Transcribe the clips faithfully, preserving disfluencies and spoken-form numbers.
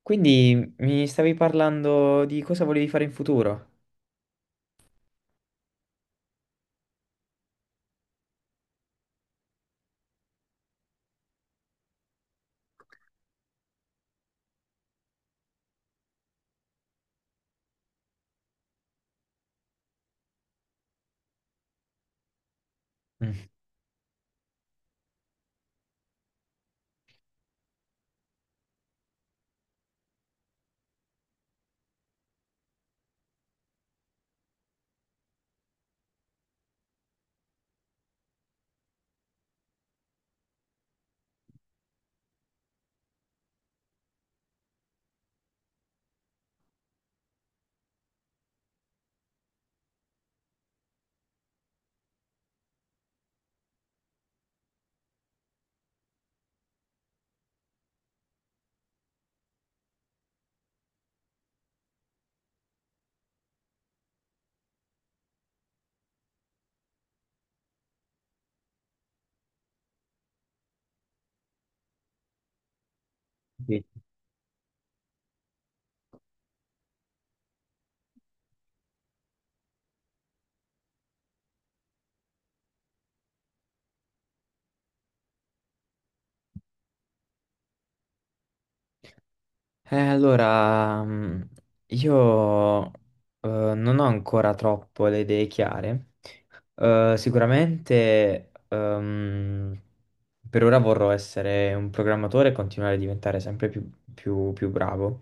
Quindi mi stavi parlando di cosa volevi fare in futuro? Mm, sì. Eh, allora, mm, io eh, non ho ancora troppo le idee chiare. Eh, sicuramente ehm, per ora vorrò essere un programmatore e continuare a diventare sempre più, più- più bravo.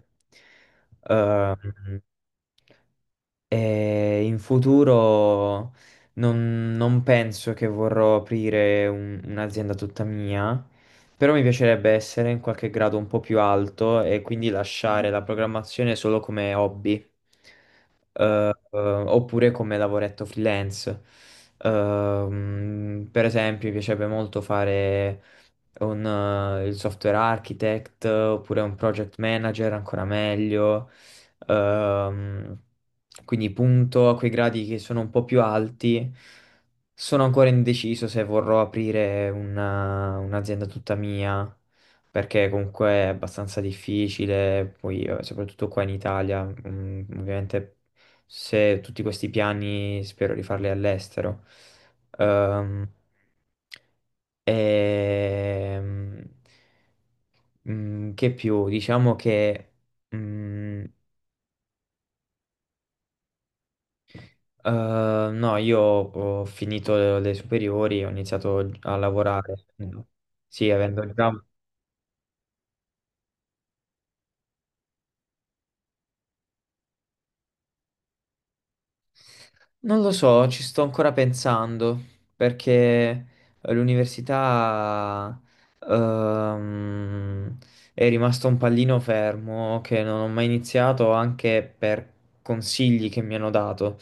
Ehm, E in futuro non, non penso che vorrò aprire un- un'azienda tutta mia, però mi piacerebbe essere in qualche grado un po' più alto e quindi lasciare la programmazione solo come hobby, eh, eh, oppure come lavoretto freelance. Ehm, per esempio, mi piacerebbe molto fare un, eh, il software architect oppure un project manager, ancora meglio. Ehm, quindi punto a quei gradi che sono un po' più alti. Sono ancora indeciso se vorrò aprire una- un'azienda tutta mia, perché comunque è abbastanza difficile, poi eh, soprattutto qua in Italia, mm, ovviamente se tutti questi piani spero di farli all'estero. Ehm, ehm, mm, che più? Diciamo che... Mm, eh, no, io ho finito le superiori, ho iniziato a lavorare. No. Sì, avendo già... Non lo so, ci sto ancora pensando perché eh, l'università ehm, è rimasto un pallino fermo che non ho mai iniziato anche per consigli che mi hanno dato.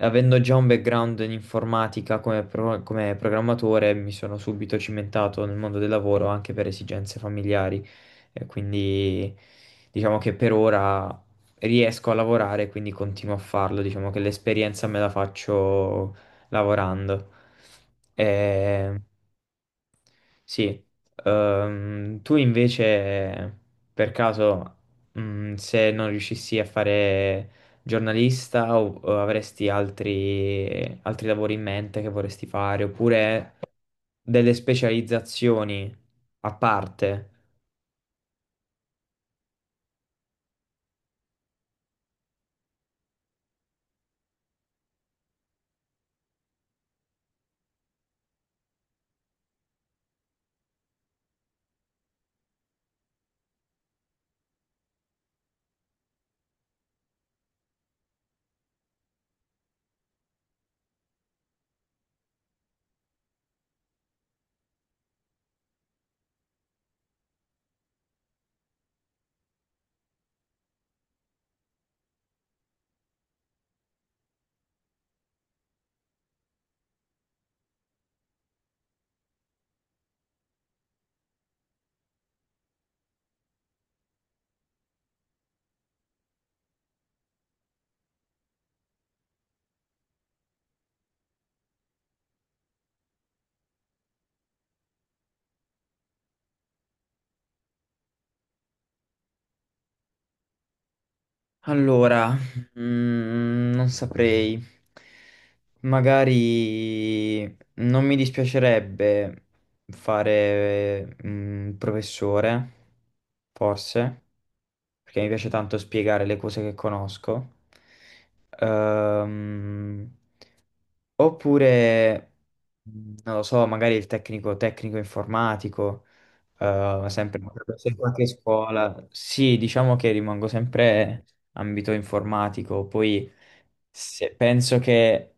Avendo già un background in informatica come, pro- come programmatore, mi sono subito cimentato nel mondo del lavoro anche per esigenze familiari e quindi diciamo che per ora riesco a lavorare, quindi continuo a farlo. Diciamo che l'esperienza me la faccio lavorando. Eh, sì. Ehm, tu invece, per caso, mm, se non riuscissi a fare giornalista o, o avresti altri, altri lavori in mente che vorresti fare, oppure delle specializzazioni a parte? Allora, mm, non saprei. Magari non mi dispiacerebbe fare mm, il professore, forse, perché mi piace tanto spiegare le cose che conosco. Ehm, Oppure, mh, non lo so, magari il tecnico, tecnico informatico, eh, sempre se in qualche scuola. Sì, diciamo che rimango sempre ambito informatico. Poi se- penso che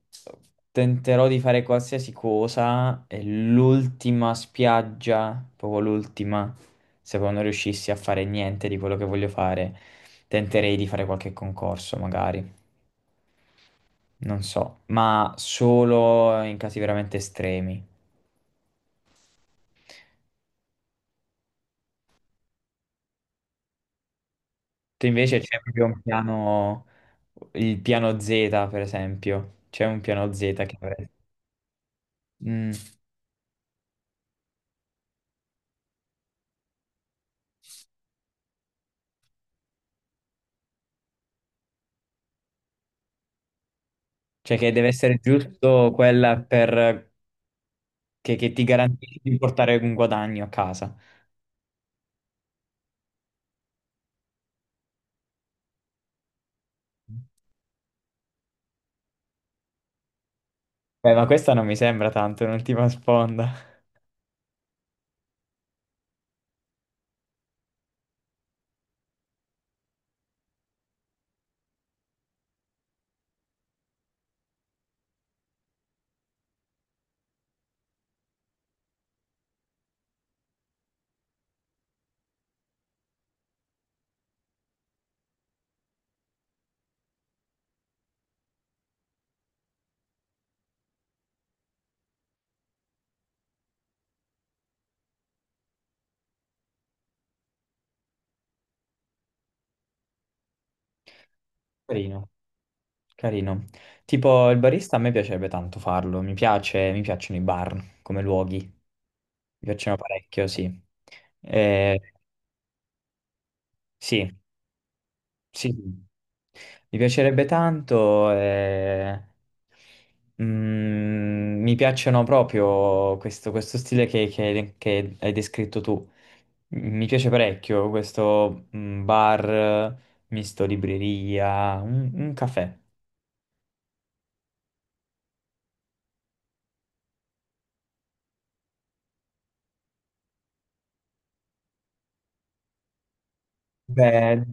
tenterò di fare qualsiasi cosa e l'ultima spiaggia, proprio l'ultima, se poi non riuscissi a fare niente di quello che voglio fare, tenterei di fare qualche concorso, magari non so, ma solo in casi veramente estremi. Tu invece c'è proprio un piano, il piano Z, per esempio. C'è un piano Z che avresti. Mm. Cioè che deve essere giusto quella per... che, che ti garantisce di portare un guadagno a casa. Beh, ma questa non mi sembra tanto un'ultima sponda. Carino. Carino. Tipo il barista a me piacerebbe tanto farlo, mi piace, mi piacciono i bar come luoghi, mi piacciono parecchio, sì. Eh, sì, sì, sì, mi piacerebbe tanto, eh, mm, mi piacciono proprio questo, questo stile che, che- che hai descritto tu. Mi piace parecchio questo mm, bar misto libreria, un un caffè. Beh,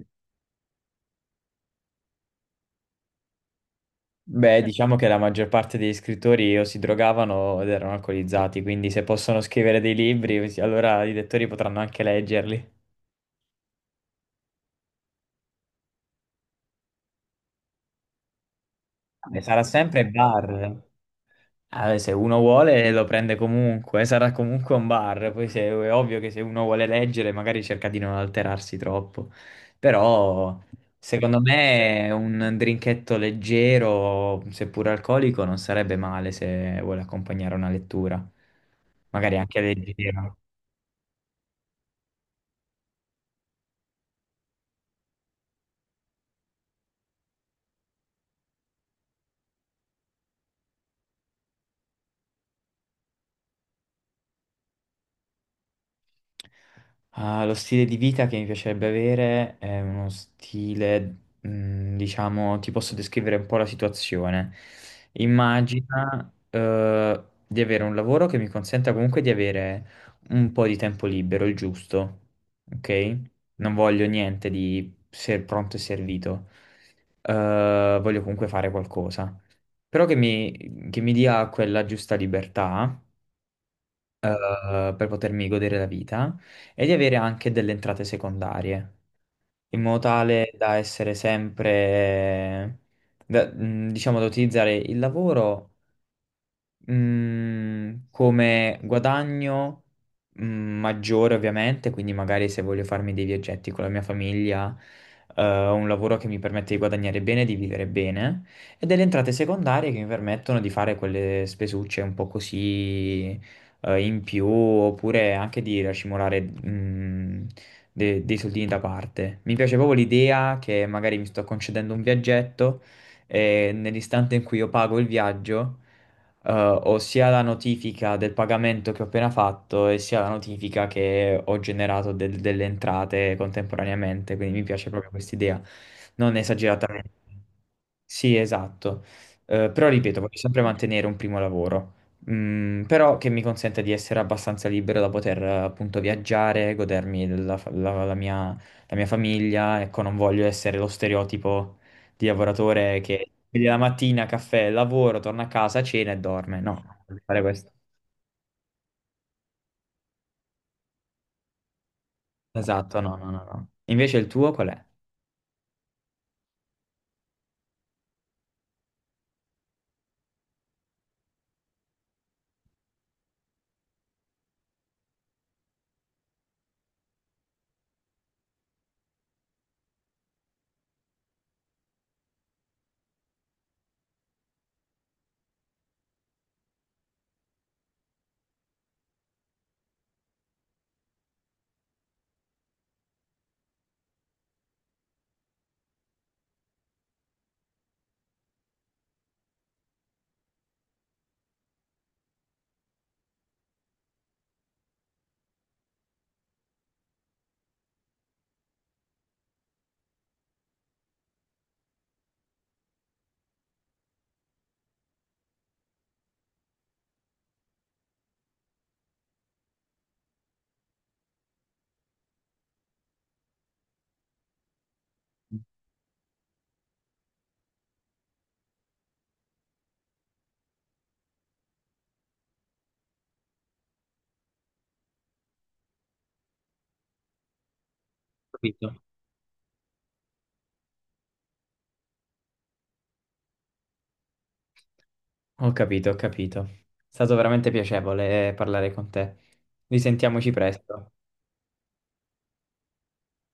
Beh, diciamo che la maggior parte degli scrittori o si drogavano o erano alcolizzati, quindi se possono scrivere dei libri, allora i lettori potranno anche leggerli. E sarà sempre bar. Ah, se uno vuole lo prende comunque, eh, sarà comunque un bar. Poi se- è ovvio che se uno vuole leggere magari cerca di non alterarsi troppo. Però secondo me un drinketto leggero, seppur alcolico, non sarebbe male se vuole accompagnare una lettura. Magari anche leggero. Ah, lo stile di vita che mi piacerebbe avere è uno stile, mm, diciamo, ti posso descrivere un po' la situazione. Immagina, eh, di avere un lavoro che mi consenta comunque di avere un po' di tempo libero, il giusto, ok? Non voglio niente di ser pronto e servito. Eh, voglio comunque fare qualcosa, però che mi, che mi dia quella giusta libertà eh, per potermi godere la vita e di avere anche delle entrate secondarie, in modo tale da essere sempre, da- mh, diciamo, da utilizzare il lavoro. Mm, come guadagno mm, maggiore ovviamente, quindi magari se voglio farmi dei viaggetti con la mia famiglia, eh, un lavoro che mi permette di guadagnare bene, di vivere bene, e delle entrate secondarie che mi permettono di fare quelle spesucce un po' così eh, in più, oppure anche di racimolare mm, de- dei soldini da parte. Mi piace proprio l'idea che magari mi sto concedendo un viaggetto e nell'istante in cui io pago il viaggio eh, ho sia la notifica del pagamento che ho appena fatto e sia la notifica che ho generato del- delle entrate contemporaneamente, quindi mi piace proprio questa idea, non esageratamente. Sì, esatto. Eh, però ripeto, voglio sempre mantenere un primo lavoro, mm, però che mi consente di essere abbastanza libero da poter eh, appunto viaggiare, godermi la, fa- la- la mia, la mia famiglia, ecco, non voglio essere lo stereotipo di lavoratore che quindi la mattina, caffè, lavoro, torna a casa, cena e dorme. No, non devi fare questo. Esatto, no, no, no, no. Invece il tuo qual è? Capito? Ho capito, ho capito. È stato veramente piacevole eh, parlare con te. Risentiamoci presto.